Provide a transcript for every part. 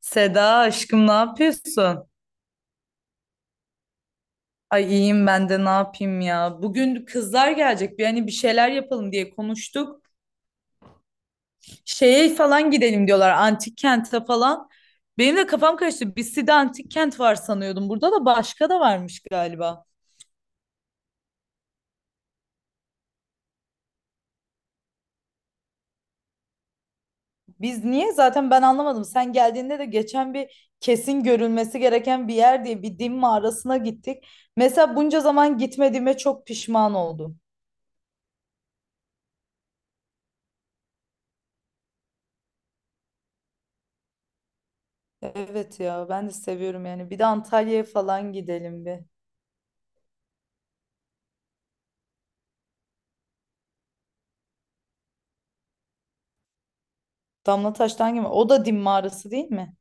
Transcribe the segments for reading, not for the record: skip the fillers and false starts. Seda aşkım ne yapıyorsun? Ay iyiyim ben de ne yapayım ya. Bugün kızlar gelecek bir hani bir şeyler yapalım diye konuştuk. Şeye falan gidelim diyorlar antik kente falan. Benim de kafam karıştı. Bissi'de antik kent var sanıyordum. Burada da başka da varmış galiba. Biz niye? Zaten ben anlamadım. Sen geldiğinde de geçen bir kesin görülmesi gereken bir yer diye bir din mağarasına gittik. Mesela bunca zaman gitmediğime çok pişman oldum. Evet ya ben de seviyorum yani. Bir de Antalya'ya falan gidelim bir. Damlataş'tan gibi. O da Dim mağarası değil mi?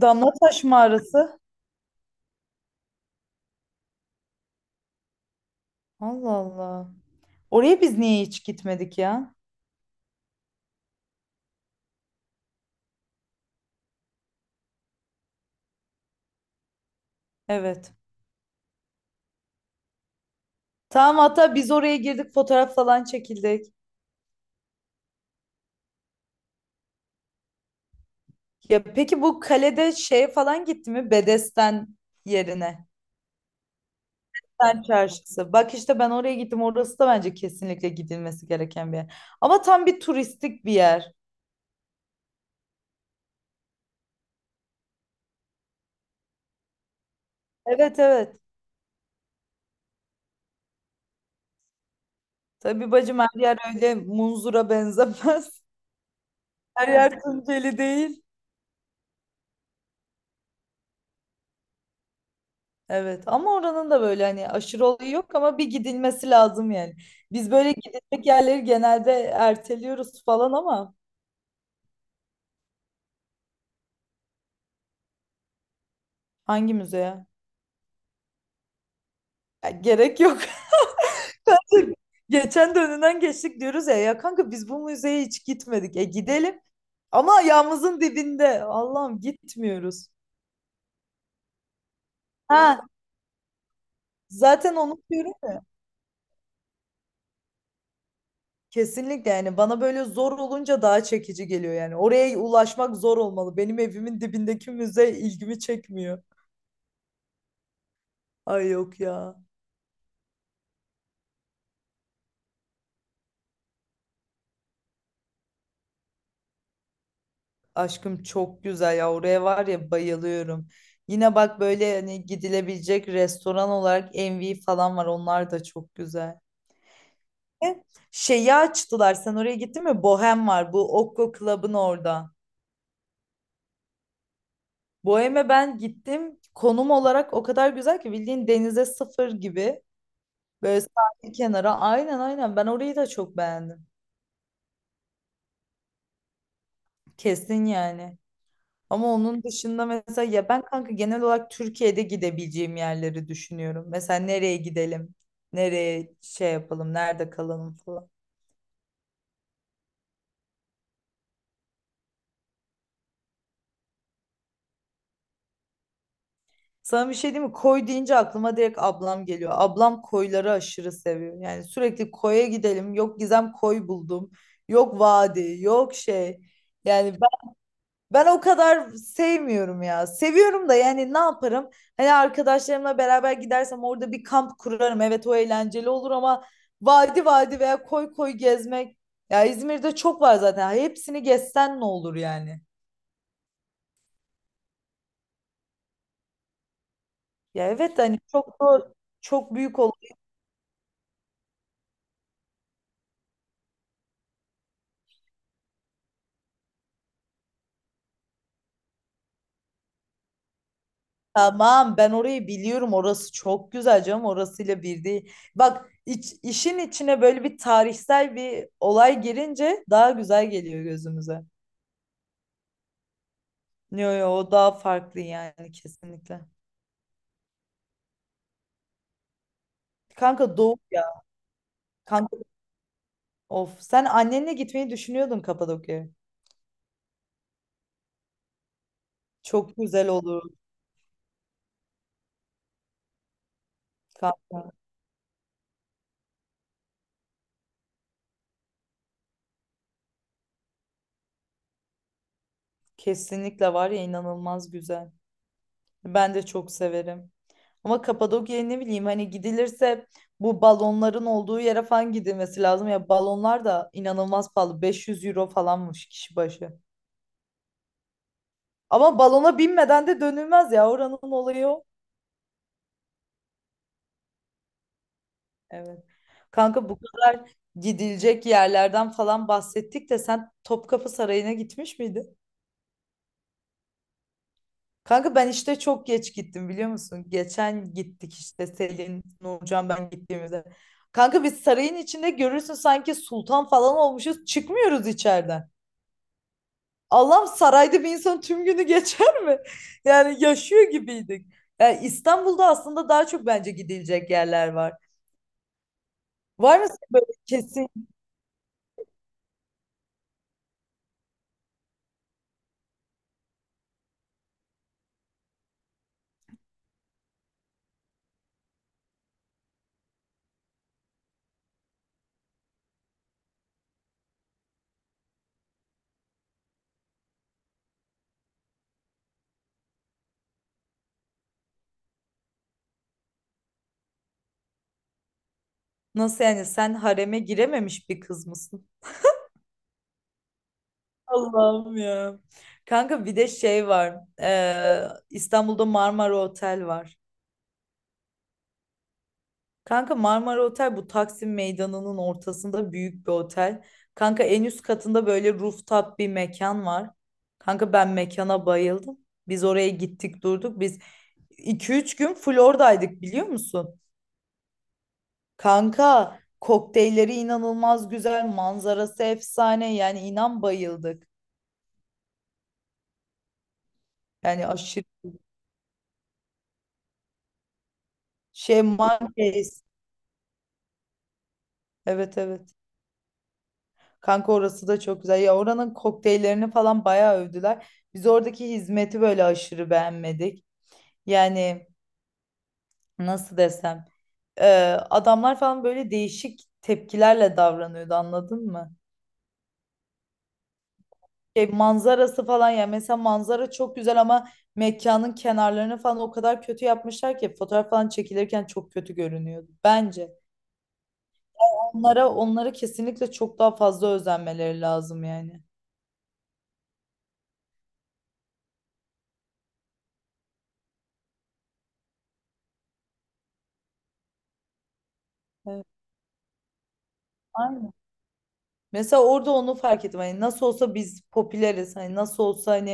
Damlataş mağarası. Allah Allah. Oraya biz niye hiç gitmedik ya? Evet. Tamam, hatta biz oraya girdik, fotoğraf falan çekildik. Ya peki bu kalede şey falan gitti mi? Bedesten yerine. Bedesten çarşısı. Bak işte ben oraya gittim. Orası da bence kesinlikle gidilmesi gereken bir yer. Ama tam bir turistik bir yer. Evet evet. Tabii bacım, her yer öyle munzura benzemez. Her yer Tunceli değil. Evet, ama oranın da böyle hani aşırı olayı yok ama bir gidilmesi lazım yani. Biz böyle gidilecek yerleri genelde erteliyoruz falan ama hangi müzeye? Ya gerek yok. Geçen de önünden geçtik diyoruz ya, ya kanka biz bu müzeye hiç gitmedik. E gidelim ama ayağımızın dibinde. Allah'ım gitmiyoruz. Ha, zaten unutuyorum. Kesinlikle yani, bana böyle zor olunca daha çekici geliyor yani. Oraya ulaşmak zor olmalı. Benim evimin dibindeki müze ilgimi çekmiyor. Ay yok ya. Aşkım çok güzel ya. Oraya var ya bayılıyorum. Yine bak böyle hani gidilebilecek restoran olarak Envy falan var. Onlar da çok güzel. E, Şeyi açtılar. Sen oraya gittin mi? Bohem var. Bu Okko Club'ın orada. Bohem'e ben gittim. Konum olarak o kadar güzel ki bildiğin denize sıfır gibi. Böyle sahil kenara. Aynen aynen. Ben orayı da çok beğendim. Kesin yani. Ama onun dışında mesela ya ben kanka genel olarak Türkiye'de gidebileceğim yerleri düşünüyorum. Mesela nereye gidelim? Nereye şey yapalım? Nerede kalalım falan. Sana bir şey diyeyim mi? Koy deyince aklıma direkt ablam geliyor. Ablam koyları aşırı seviyor. Yani sürekli koya gidelim. Yok Gizem koy buldum. Yok vadi, yok şey. Yani ben o kadar sevmiyorum ya. Seviyorum da yani ne yaparım? Hani arkadaşlarımla beraber gidersem orada bir kamp kurarım. Evet o eğlenceli olur ama vadi vadi veya koy koy gezmek. Ya İzmir'de çok var zaten. Hepsini gezsen ne olur yani? Ya evet hani çok da çok büyük olur. Tamam ben orayı biliyorum. Orası çok güzel canım. Orasıyla bir değil. Bak işin içine böyle bir tarihsel bir olay girince daha güzel geliyor gözümüze. Yo yo, o daha farklı yani kesinlikle. Kanka doğu ya. Kanka of. Sen annenle gitmeyi düşünüyordun Kapadokya'ya. Çok güzel olur kanka. Kesinlikle var ya, inanılmaz güzel. Ben de çok severim. Ama Kapadokya'ya ne bileyim hani gidilirse bu balonların olduğu yere falan gidilmesi lazım. Ya balonlar da inanılmaz pahalı. 500 € falanmış kişi başı. Ama balona binmeden de dönülmez ya, oranın olayı o. Evet. Kanka bu kadar gidilecek yerlerden falan bahsettik de sen Topkapı Sarayı'na gitmiş miydin? Kanka ben işte çok geç gittim, biliyor musun? Geçen gittik işte Selin, Nurcan, ben gittiğimizde. Kanka biz sarayın içinde, görürsün, sanki sultan falan olmuşuz. Çıkmıyoruz içeriden. Allah'ım, sarayda bir insan tüm günü geçer mi? Yani yaşıyor gibiydik. Yani İstanbul'da aslında daha çok bence gidilecek yerler var. Var mı senin böyle kesin? Nasıl yani, sen hareme girememiş bir kız mısın? Allah'ım ya. Kanka bir de şey var. İstanbul'da Marmara Otel var. Kanka Marmara Otel bu Taksim Meydanı'nın ortasında büyük bir otel. Kanka en üst katında böyle rooftop bir mekan var. Kanka ben mekana bayıldım. Biz oraya gittik durduk. Biz iki üç gün full oradaydık, biliyor musun? Kanka kokteylleri inanılmaz güzel, manzarası efsane. Yani inan bayıldık. Yani aşırı şey, Monkeys. Evet evet. Kanka orası da çok güzel. Ya oranın kokteyllerini falan bayağı övdüler. Biz oradaki hizmeti böyle aşırı beğenmedik. Yani nasıl desem, e, adamlar falan böyle değişik tepkilerle davranıyordu, anladın mı? Şey, manzarası falan ya mesela manzara çok güzel ama mekanın kenarlarını falan o kadar kötü yapmışlar ki fotoğraf falan çekilirken çok kötü görünüyordu bence. Onlara kesinlikle çok daha fazla özenmeleri lazım yani. Evet. Mesela orada onu fark ettim. Hani nasıl olsa biz popüleriz. Hani nasıl olsa hani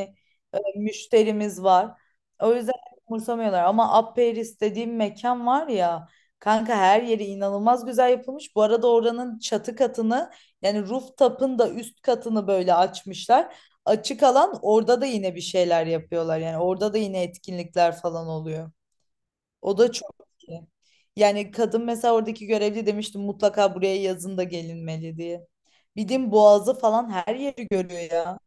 müşterimiz var. O yüzden umursamıyorlar. Ama Aperis dediğim mekan var ya kanka, her yeri inanılmaz güzel yapılmış. Bu arada oranın çatı katını, yani rooftop'ın da üst katını böyle açmışlar. Açık alan, orada da yine bir şeyler yapıyorlar. Yani orada da yine etkinlikler falan oluyor. O da çok iyi. Yani kadın, mesela oradaki görevli, demiştim mutlaka buraya yazın da gelinmeli diye. Bildiğin Boğaz'ı falan her yeri görüyor ya.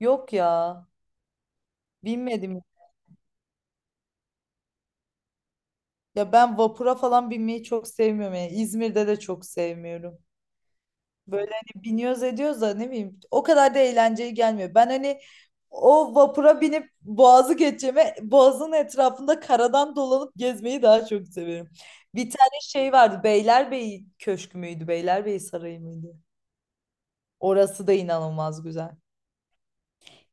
Yok ya. Binmedim. Ya ben vapura falan binmeyi çok sevmiyorum. Yani İzmir'de de çok sevmiyorum. Böyle hani biniyoruz ediyoruz da ne bileyim o kadar da eğlenceli gelmiyor. Ben hani o vapura binip boğazı geçeceğime boğazın etrafında karadan dolanıp gezmeyi daha çok severim. Bir tane şey vardı, Beylerbeyi Köşkü müydü, Beylerbeyi Sarayı mıydı? Orası da inanılmaz güzel.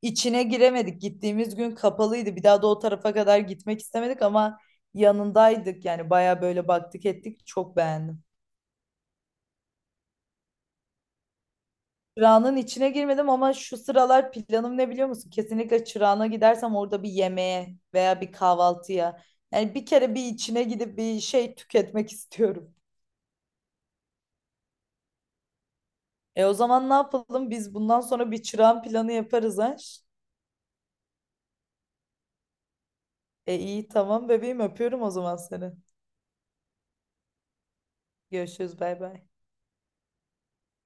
İçine giremedik, gittiğimiz gün kapalıydı, bir daha da o tarafa kadar gitmek istemedik ama yanındaydık yani, baya böyle baktık ettik, çok beğendim. Çırağan'ın içine girmedim ama şu sıralar planım ne, biliyor musun? Kesinlikle Çırağan'a gidersem orada bir yemeğe veya bir kahvaltıya. Yani bir kere bir içine gidip bir şey tüketmek istiyorum. E o zaman ne yapalım? Biz bundan sonra bir Çırağan planı yaparız ha. E iyi tamam bebeğim, öpüyorum o zaman seni. Görüşürüz, bay bay.